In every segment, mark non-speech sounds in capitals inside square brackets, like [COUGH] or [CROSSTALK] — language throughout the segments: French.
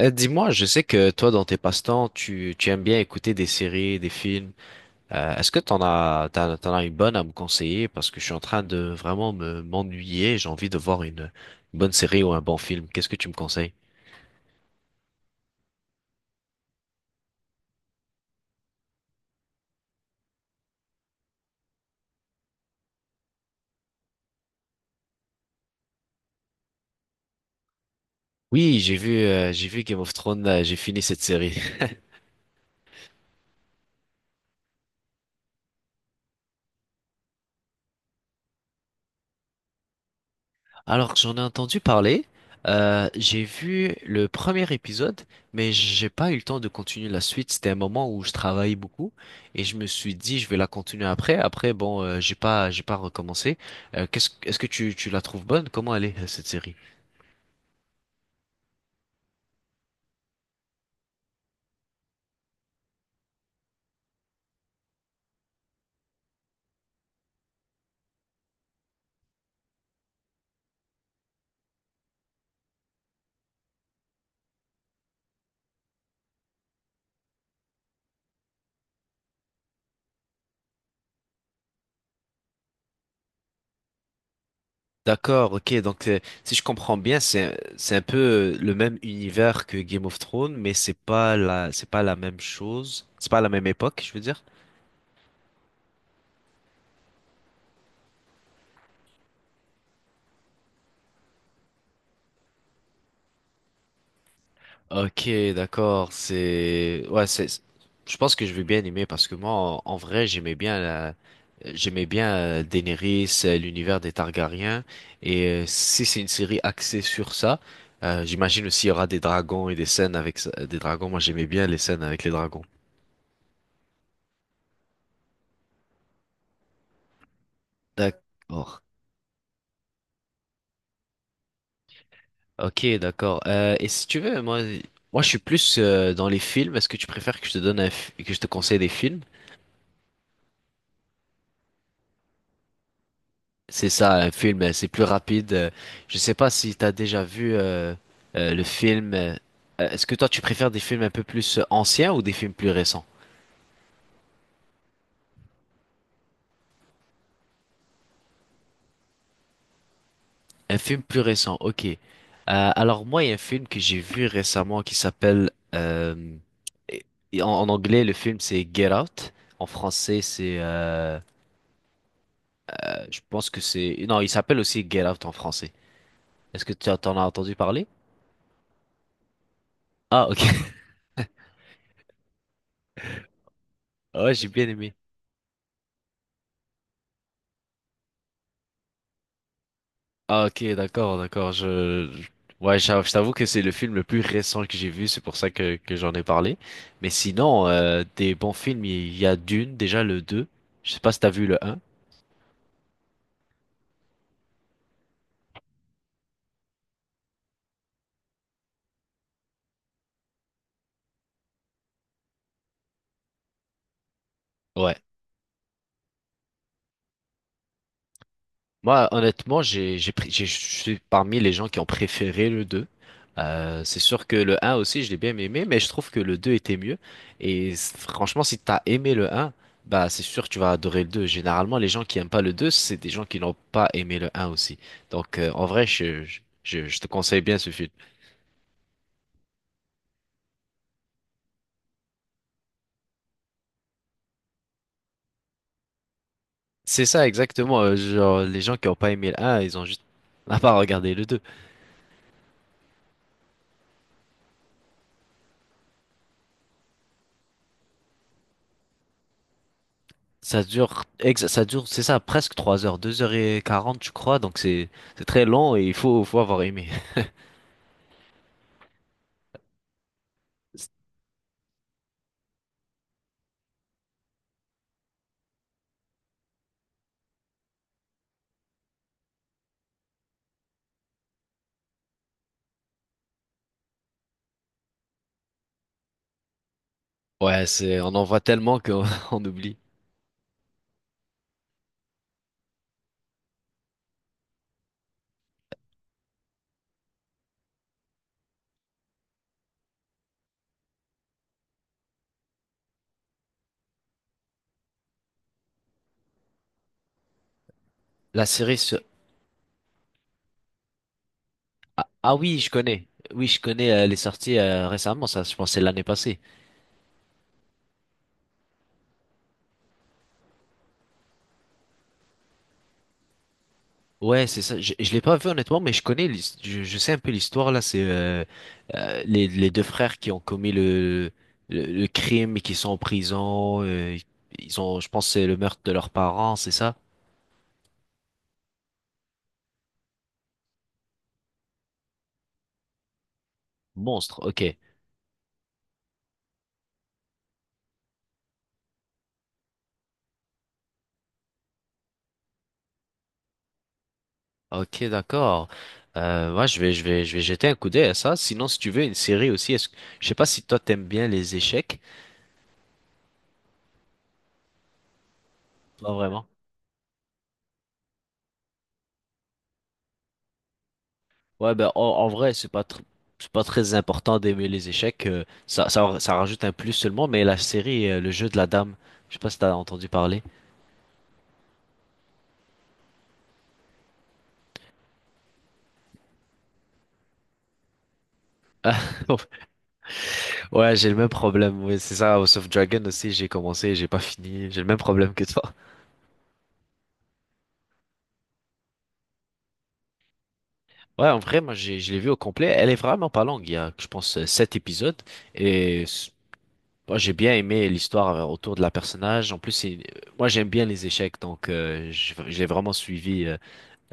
Dis-moi, je sais que toi, dans tes passe-temps, tu aimes bien écouter des séries, des films. Est-ce que t'en as une bonne à me conseiller? Parce que je suis en train de vraiment m'ennuyer. J'ai envie de voir une bonne série ou un bon film. Qu'est-ce que tu me conseilles? Oui, j'ai vu Game of Thrones. J'ai fini cette série. Alors, j'en ai entendu parler. J'ai vu le premier épisode, mais j'ai pas eu le temps de continuer la suite. C'était un moment où je travaillais beaucoup et je me suis dit je vais la continuer après. Après, bon, j'ai pas recommencé. Qu'est-ce, est-ce que tu la trouves bonne? Comment elle est, cette série? D'accord, ok. Donc, si je comprends bien, c'est un peu le même univers que Game of Thrones, mais c'est pas la même chose. C'est pas la même époque, je veux dire. Ok, d'accord, c'est ouais, c'est je pense que je vais bien aimer parce que moi en vrai, j'aimais bien la j'aimais bien Daenerys, l'univers des Targaryens et si c'est une série axée sur ça, j'imagine aussi il y aura des dragons et des scènes avec des dragons. Moi, j'aimais bien les scènes avec les dragons. D'accord. Ok, d'accord. Et si tu veux, moi je suis plus dans les films. Est-ce que tu préfères que je te donne un fi- que je te conseille des films? C'est ça, un film, c'est plus rapide. Je sais pas si t'as déjà vu le film. Est-ce que toi tu préfères des films un peu plus anciens ou des films plus récents? Un film plus récent, ok. Alors moi, il y a un film que j'ai vu récemment qui s'appelle et- et en anglais le film c'est Get Out. En français c'est, je pense que c'est, non, il s'appelle aussi Get Out en français. Est-ce que tu en as entendu parler? Ah ok. [LAUGHS] Ouais, j'ai bien aimé. Ah, ok, d'accord, d'accord. Ouais, je t'avoue que c'est le film le plus récent que j'ai vu, c'est pour ça que j'en ai parlé. Mais sinon, des bons films, il y a Dune, déjà le 2. Je sais pas si t'as vu le un. Ouais. Moi, honnêtement, je suis parmi les gens qui ont préféré le 2. C'est sûr que le un aussi, je l'ai bien aimé, mais je trouve que le 2 était mieux. Et franchement, si t'as aimé le un, bah, c'est sûr que tu vas adorer le 2. Généralement, les gens qui aiment pas le 2, c'est des gens qui n'ont pas aimé le un aussi. Donc, en vrai, je te conseille bien ce film. C'est ça, exactement. Genre, les gens qui n'ont pas aimé le un, ils ont juste [LAUGHS] à pas regarder le 2. Ça dure, c'est ça, presque 3 heures, deux heures et quarante, je crois, donc c'est très long et il faut avoir aimé. [LAUGHS] Ouais, c'est, on en voit tellement qu'on [LAUGHS] on oublie. La série sur... Ah oui, je connais. Oui, je connais, elle est sortie récemment, ça, je pense, que c'est l'année passée. Ouais, c'est ça. Je l'ai pas vu honnêtement, mais je connais, je sais un peu l'histoire là. C'est les deux frères qui ont commis le crime et qui sont en prison. Ils ont, je pense, que c'est le meurtre de leurs parents, c'est ça? Monstre, ok. Ok, d'accord. Moi, je vais jeter un coup d'œil à ça. Sinon, si tu veux une série aussi, est-ce que, je sais pas si toi t'aimes bien les échecs. Pas vraiment. Ouais, ben en vrai, c'est pas très important d'aimer les échecs. Ça rajoute un plus seulement. Mais la série, le jeu de la dame, je sais pas si t'as entendu parler. Ah, [LAUGHS] Ouais, j'ai le même problème. Oui, c'est ça. House of Dragon aussi, j'ai commencé, et j'ai pas fini. J'ai le même problème que toi. Ouais, en vrai, moi, je l'ai vu au complet. Elle est vraiment pas longue. Il y a, je pense, sept épisodes. Et moi, j'ai bien aimé l'histoire autour de la personnage. En plus, moi, j'aime bien les échecs, donc je l'ai vraiment suivi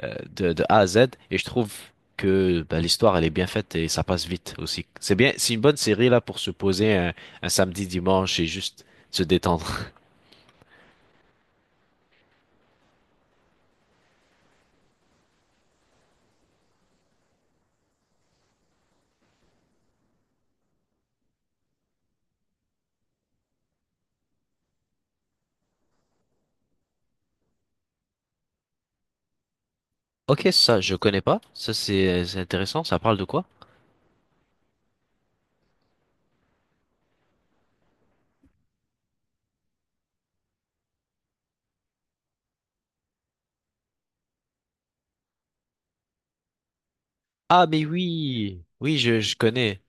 de A à Z. Et je trouve que bah, l'histoire, elle est bien faite et ça passe vite aussi. C'est bien, c'est une bonne série là pour se poser un samedi, dimanche et juste se détendre. [LAUGHS] Ok, ça, je connais pas. Ça, c'est intéressant. Ça parle de quoi? Ah, mais oui, oui, je connais.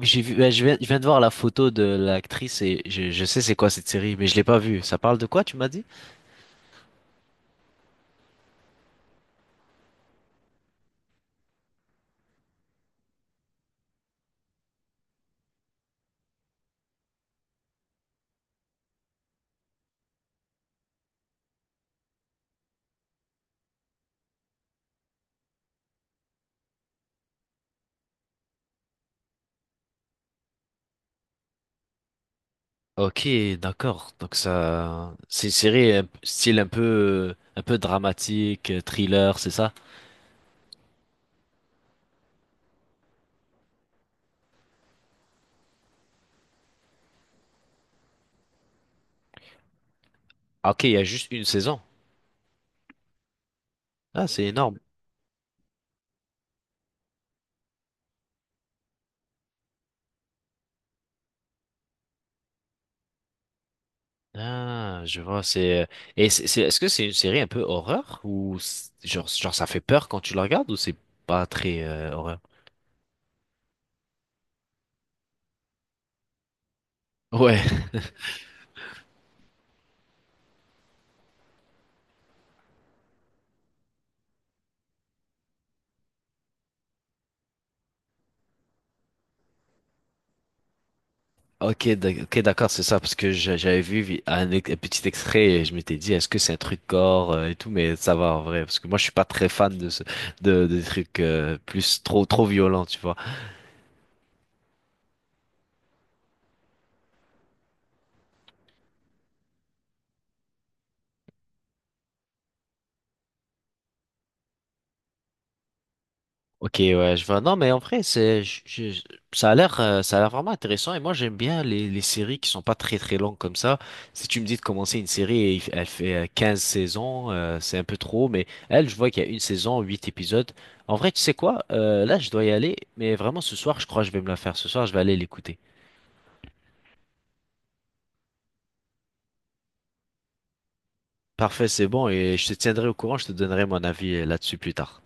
J'ai vu, ouais, je viens de voir la photo de l'actrice et je sais c'est quoi cette série, mais je l'ai pas vue. Ça parle de quoi, tu m'as dit? Ok, d'accord. Donc ça, c'est une série style un peu dramatique, thriller, c'est ça? Ah, ok, il y a juste une saison. Ah, c'est énorme. Ah, je vois. C'est et est-ce que c'est une série un peu horreur ou genre, genre ça fait peur quand tu la regardes ou c'est pas très horreur? Ouais. [LAUGHS] Ok, ok, d'accord, c'est ça parce que j'avais vu vi- un, ex- un petit extrait et je m'étais dit est-ce que c'est un truc gore et tout, mais ça va en vrai parce que moi je suis pas très fan de ce, de trucs plus trop violents, tu vois. Ok, ouais, je vois. Non, mais en vrai, ça a l'air vraiment intéressant. Et moi, j'aime bien les séries qui sont pas très très longues comme ça. Si tu me dis de commencer une série et il elle fait 15 saisons, c'est un peu trop. Mais elle, je vois qu'il y a une saison, 8 épisodes. En vrai, tu sais quoi? Là, je dois y aller. Mais vraiment, ce soir, je crois que je vais me la faire. Ce soir, je vais aller l'écouter. Parfait, c'est bon. Et je te tiendrai au courant. Je te donnerai mon avis là-dessus plus tard.